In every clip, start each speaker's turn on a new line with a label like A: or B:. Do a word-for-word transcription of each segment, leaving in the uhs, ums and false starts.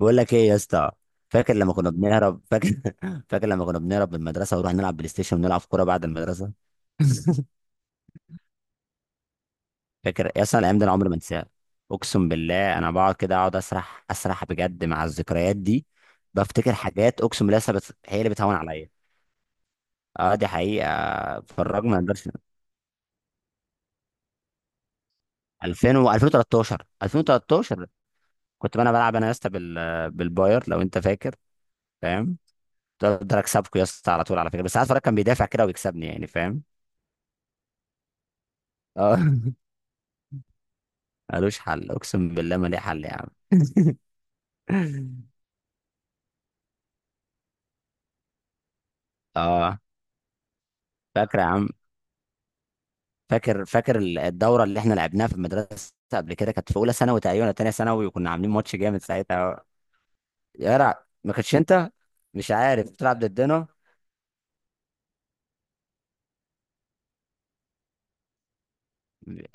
A: بقول لك ايه يا اسطى. فاكر لما كنا بنهرب فاكر فاكر لما كنا بنهرب من المدرسه ونروح نلعب بلاي ستيشن ونلعب كوره بعد المدرسه. فاكر يا اسطى الايام دي، انا عمري ما انساها. اقسم بالله انا بقعد كده اقعد اسرح اسرح بجد مع الذكريات دي. بفتكر حاجات اقسم بالله لسه بت... هي اللي بتهون عليا. اه دي حقيقه، فرجنا ما نقدرش. ألفين و ألفين وتلتاشر ألفين وثلاثة عشر. كنت انا بلعب انا يا اسطى بال... بالباير لو انت فاكر، فاهم؟ كنت اقدر اكسبكوا يا اسطى على طول، على فكره، بس ساعات فرج كان بيدافع كده ويكسبني، يعني فاهم. اه ملوش حل اقسم بالله، ما ليه حل يا عم. اه. فاكر يا عم؟ فاكر فاكر ال- الدوره اللي احنا لعبناها في المدرسه قبل كده، كانت في اولى ثانوي تقريبا ولا تانية ثانوي، وكنا عاملين ماتش جامد ساعتها. يا جدع، ما كنتش انت؟ مش عارف بتلعب ضدنا.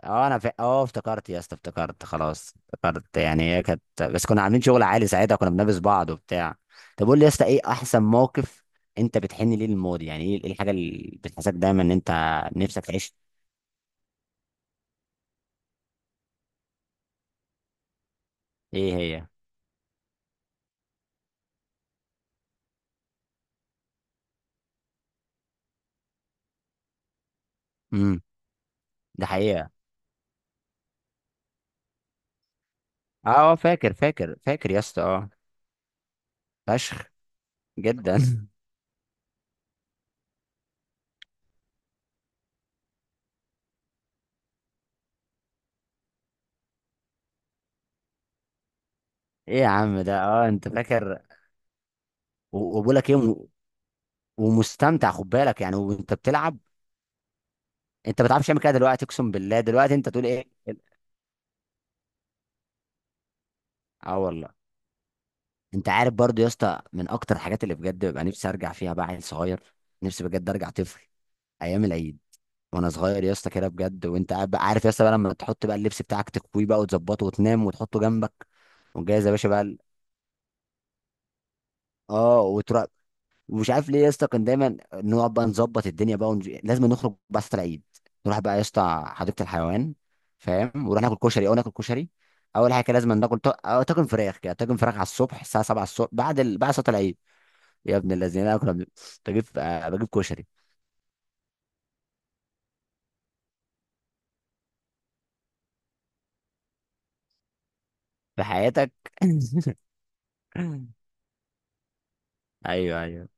A: اه انا فا... اه افتكرت يا اسطى، افتكرت خلاص، افتكرت يعني. هي كانت بس كنا عاملين شغل عالي ساعتها، كنا بنلبس بعض وبتاع. طب قول لي يا اسطى، ايه احسن موقف؟ انت بتحن ليه للماضي؟ يعني ايه إيه الحاجه اللي بتحسسك دايما ان انت نفسك تعيش؟ ايه هي؟ ده حقيقة. اه آه، فاكر فاكر فاكر يا اسطى اه. فشخ، جدا. ايه يا عم ده؟ اه انت فاكر؟ و- وبقول لك ايه وم- ومستمتع، خد بالك، يعني وانت بتلعب. انت ما بتعرفش تعمل كده دلوقتي، اقسم بالله دلوقتي انت تقول ايه. اه والله. انت عارف برضو يا اسطى، من اكتر الحاجات اللي بجد ببقى نفسي ارجع فيها بقى عيل صغير. نفسي بجد ارجع طفل. ايام العيد وانا صغير يا اسطى، كده بجد، وانت قاعد بقى- عارف يا اسطى بقى لما تحط بقى اللبس بتاعك، تكويه بقى وتظبطه وتنام وتحطه جنبك، وجاهز يا باشا بقى ال- اه وتروح. ومش عارف ليه يا اسطى، كان دايما نقعد بقى نظبط الدنيا بقى ونج... لازم نخرج بس العيد. نروح بقى يا اسطى حديقه الحيوان، فاهم، ونروح ناكل كشري او ناكل كشري. اول حاجه كده لازم ناكل ط... أو طاجن فراخ، كده طاجن فراخ على الصبح الساعه سبعة الصبح، بعد ال... بعد صلاه العيد. يا ابن الذين، انا كنا بن- بجيب آه، بجيب كشري. في حياتك. ايوه ايوه.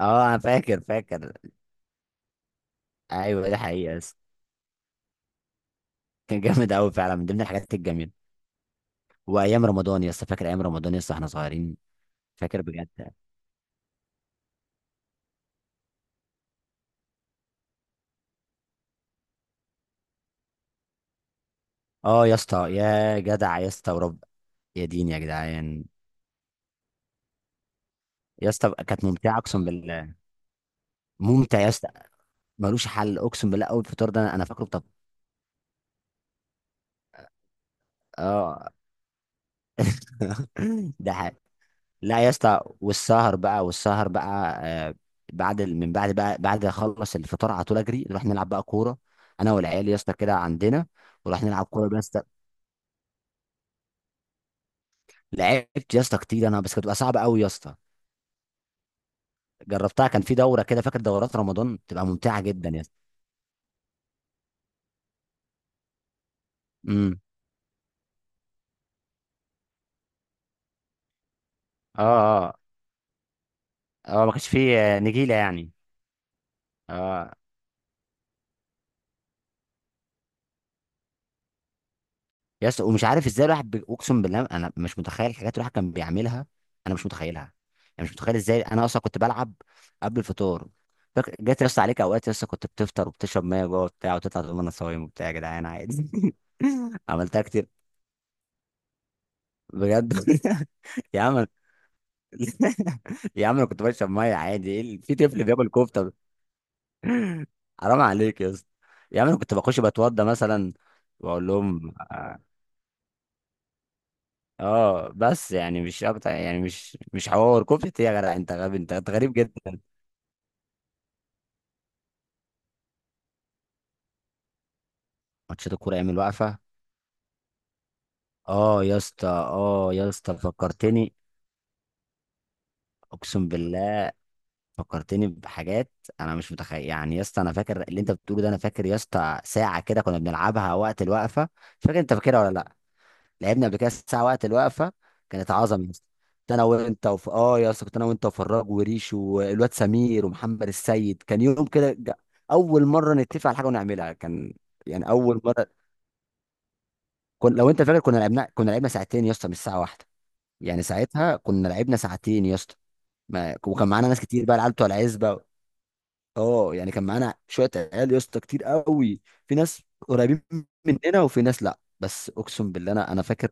A: اه انا فاكر فاكر. ايوه دي حقيقه يا اسطى. كان جامد قوي فعلا، من ضمن الحاجات الجميله. وايام رمضان يا اسطى، فاكر ايام رمضان يا اسطى احنا صغيرين؟ فاكر بجد. اه يا اسطى، يا جدع يا اسطى، ورب، يا دين يا جدعان. يا اسطى كانت ممتعه اقسم بالله. ممتع يا اسطى. ملوش حل اقسم بالله، اول فطار ده انا أنا فاكره، طب. اه. ده حاجة. لا يا اسطى، والسهر بقى والسهر بقى آه. بعد ال- من بعد بقى بعد اخلص الفطار، على طول اجري نروح نلعب بقى كوره، انا والعيال يا اسطى كده عندنا. ونروح نلعب كوره يا اسطى. لعبت يا اسطى كتير انا، بس كانت بتبقى صعبه قوي يا اسطى. جربتها، كان في دوره كده. فاكر دورات رمضان بتبقى ممتعه جدا يا اسطى. امم اه آه. اه ما كانش فيه آه، نجيله يعني. اه يا اسطى، ومش عارف ازاي الواحد بي- اقسم بالله انا مش متخيل الحاجات اللي الواحد كان بيعملها. انا مش متخيلها. يعني مش متخيل ازاي انا اصلا كنت بلعب قبل الفطار. فاكر جت يا اسطى عليك اوقات يا اسطى، كنت بتفطر وبتشرب ميه جوه وبتاع، وتطلع تقول انا صايم وبتاع، يا جدعان عادي. عملتها كتير. بجد. يا عم. يا عم انا كنت بشرب ميه عادي، ايه اللي- في طفل بياكل كفته! حرام عليك يا اسطى. يا عم انا كنت بخش بتوضى مثلا، واقول لهم آه، اه، بس يعني مش اكتر، يعني مش مش حوار كفت يا جدع، انت غبي، انت أنت غريب جدا. ماتشات الكوره ايام الوقفه. اه يا اسطى، اه يا اسطى فكرتني. اقسم بالله فكرتني بحاجات. انا مش متخيل يعني يا اسطى. انا فاكر اللي انت بتقوله ده. انا فاكر يا اسطى ساعه كده كنا بنلعبها وقت الوقفه. مش فاكر انت فاكرها ولا لا؟ لعبنا قبل كده الساعه وقت الوقفه. كانت عظمه يا اسطى. كنت انا وانت وف... اه يا اسطى كنت انا وانت وفراج وريش والواد سمير ومحمد السيد، كان يوم كده ج- اول مره نتفق على حاجه ونعملها، كان يعني اول مره. كن... لو انت فاكر، كنا لعبنا كنا لعبنا ساعتين يا اسطى مش ساعه واحده. يعني ساعتها كنا لعبنا ساعتين يا اسطى. ما... وكان معانا ناس كتير بقى، العيال بتوع العزبه. اه يعني كان معانا شويه عيال يا اسطى كتير قوي، في ناس قريبين مننا وفي ناس لا. بس اقسم بالله انا انا فاكر.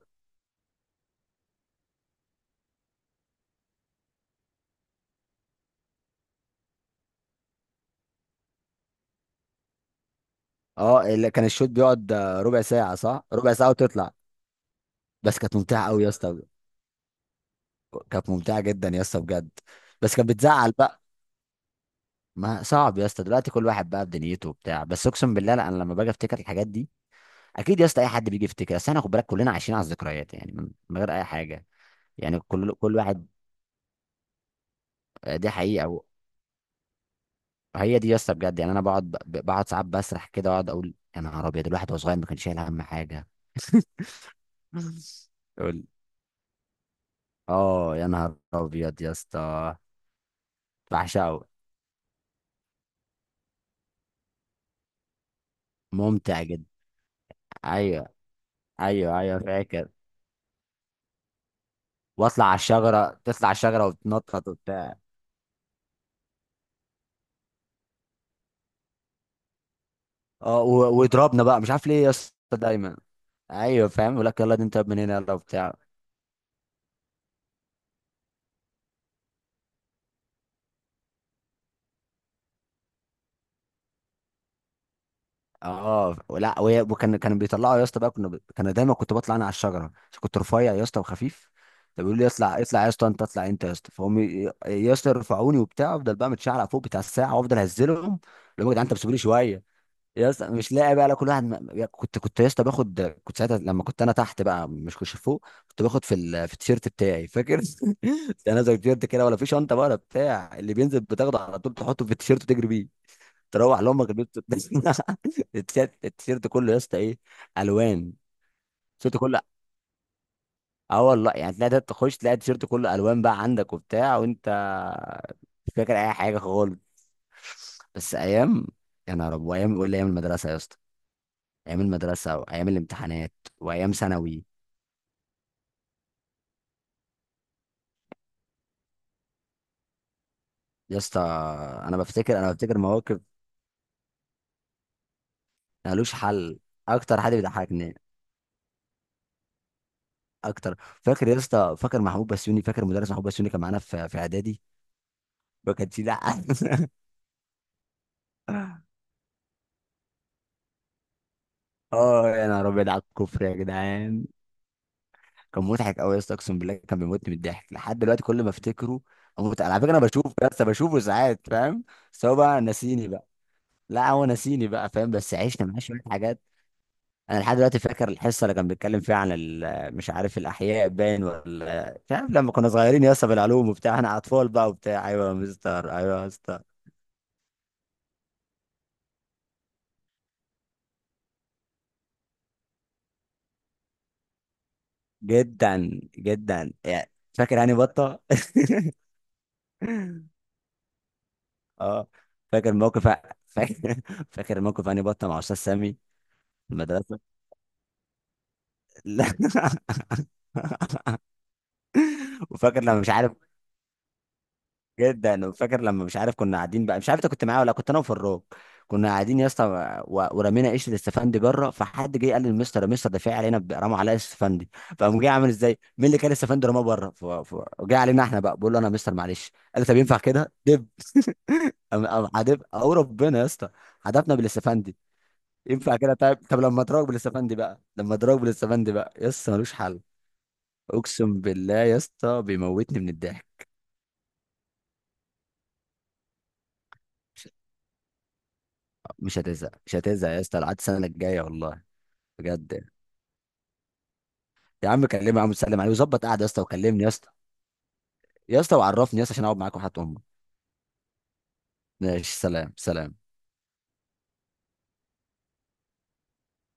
A: اه اللي كان الشوط بيقعد آه، ربع ساعة، صح؟ ربع ساعة وتطلع. بس كانت ممتعة قوي يا اسطى. كانت ممتعة جدا يا اسطى بجد. بس كانت بتزعل بقى. ما صعب يا اسطى دلوقتي، كل واحد بقى بدنيته وبتاع، بس اقسم بالله لا، انا لما باجي افتكر الحاجات دي. اكيد يا اسطى اي حد بيجي يفتكر، بس احنا خد بالك كلنا عايشين على الذكريات، يعني من من غير اي حاجة. يعني كل كل واحد. آه، دي حقيقة و- هي دي يا اسطى بجد. يعني انا بقعد ب- بقعد ساعات بسرح كده، واقعد اقول يا نهار ابيض، الواحد وهو صغير ما كانش شايل هم حاجة. قول. اه يا نهار ابيض يا اسطى. بعشقه. ممتع جدا. ايوه. ايوه ايوه فاكر. واطلع على الشجره، تطلع على الشجره وتنطط وبتاع. اه و- ويضربنا بقى، مش عارف ليه يا اسطى دايما. ايوه فاهم، يقول لك يلا دي انت من هنا، يلا وبتاع. اه لا وهي- وكان كان بيطلعوا يا اسطى بقى، كنا ب... كان دايما كنت بطلع انا على الشجره عشان كنت رفيع يا اسطى وخفيف. فبيقولوا لي اطلع اطلع يا اسطى، انت اطلع انت يا اسطى، فهم ي- يا اسطى يرفعوني وبتاع، افضل بقى متشعلق فوق بتاع الساعه، وافضل اهزلهم. اللي هو يا جدعان انت بتسيبوني شويه، يا اسطى مش لاقي بقى. لا، كل واحد م- يا- كنت كنت يا اسطى باخد، كنت ساعتها لما كنت انا تحت بقى مش كنت فوق، كنت باخد في ال... في التيشيرت بتاعي، فاكر؟ انا زي التيشيرت كده، ولا في شنطه بقى ولا بتاع، اللي بينزل بتاخده على طول تحطه في التيشيرت وتجري بيه. تروح لامك البيت. التيشيرت، التيشيرت كله يا اسطى ايه الوان. التيشيرت كله. اه والله، يعني تلاقي ده تخش تلاقي التيشيرت كله الوان بقى عندك وبتاع، وانت مش فاكر اي حاجه خالص. بس ايام، يا نهار ابيض! ايام ولا ايام المدرسه يا اسطى. ايام المدرسه وايام الامتحانات وايام ثانوي يا اسطى. انا بفتكر انا بفتكر مواقف، مالوش حل. اكتر حد بيضحكني، اكتر. فاكر يا اسطى؟ فاكر محمود بسيوني؟ فاكر مدرس محمود بسيوني كان معانا في في اعدادي. وكان في، لا. اه يا نهار ابيض، على الكفر يا جدعان. كان مضحك قوي يا اسطى، اقسم بالله كان بيموتني من الضحك لحد دلوقتي كل ما افتكره اموت. على فكره انا بشوفه يا اسطى، بشوفه ساعات، فاهم؟ سواء بقى نسيني بقى، لا هو نسيني بقى فاهم، بس عشنا معاه شويه حاجات. انا لحد دلوقتي فاكر الحصه اللي كان بيتكلم فيها عن ال- مش عارف الاحياء باين ولا مش عارف، لما كنا صغيرين يا اسطى بالعلوم وبتاع، احنا اطفال بقى وبتاع، ايوه يا مستر ايوه يا اسطى. جدا جدا، يعني فاكر هاني بطه. اه. فاكر موقف، فاكر فاكر موقف هاني بطه مع استاذ سامي في المدرسه. لا. وفاكر لما مش عارف، جدا. وفاكر لما مش عارف كنا قاعدين بقى، مش عارف انت كنت معايا ولا كنت انا وفراج، كنا قاعدين يا اسطى و- ورمينا قشره استفندي بره، فحد جه قال للمستر، يا مستر ده في علينا ب- رموا عليا استفندي. فقام جه عامل ازاي، مين اللي كان استفندي رماه بره؟ ف- ف- جه علينا احنا بقى، بقول له انا يا مستر معلش، قال لي طب ينفع كده، دب. قام قام عدب او ربنا يا اسطى، عدبنا بالاستفندي. ينفع كده؟ طيب، طب لما اضربك بالاستفندي بقى لما اضربك بالاستفندي بقى يا اسطى ملوش حل. اقسم بالله يا اسطى بيموتني من الضحك. مش هتزهق مش هتزهق يا اسطى لحد السنه الجايه والله. بجد. يا عم كلمه، يا عم سلم عليه وظبط قعده يا اسطى، وكلمني يا اسطى. يا اسطى وعرفني يا اسطى عشان اقعد معاك، وحياة امك. ماشي، سلام سلام.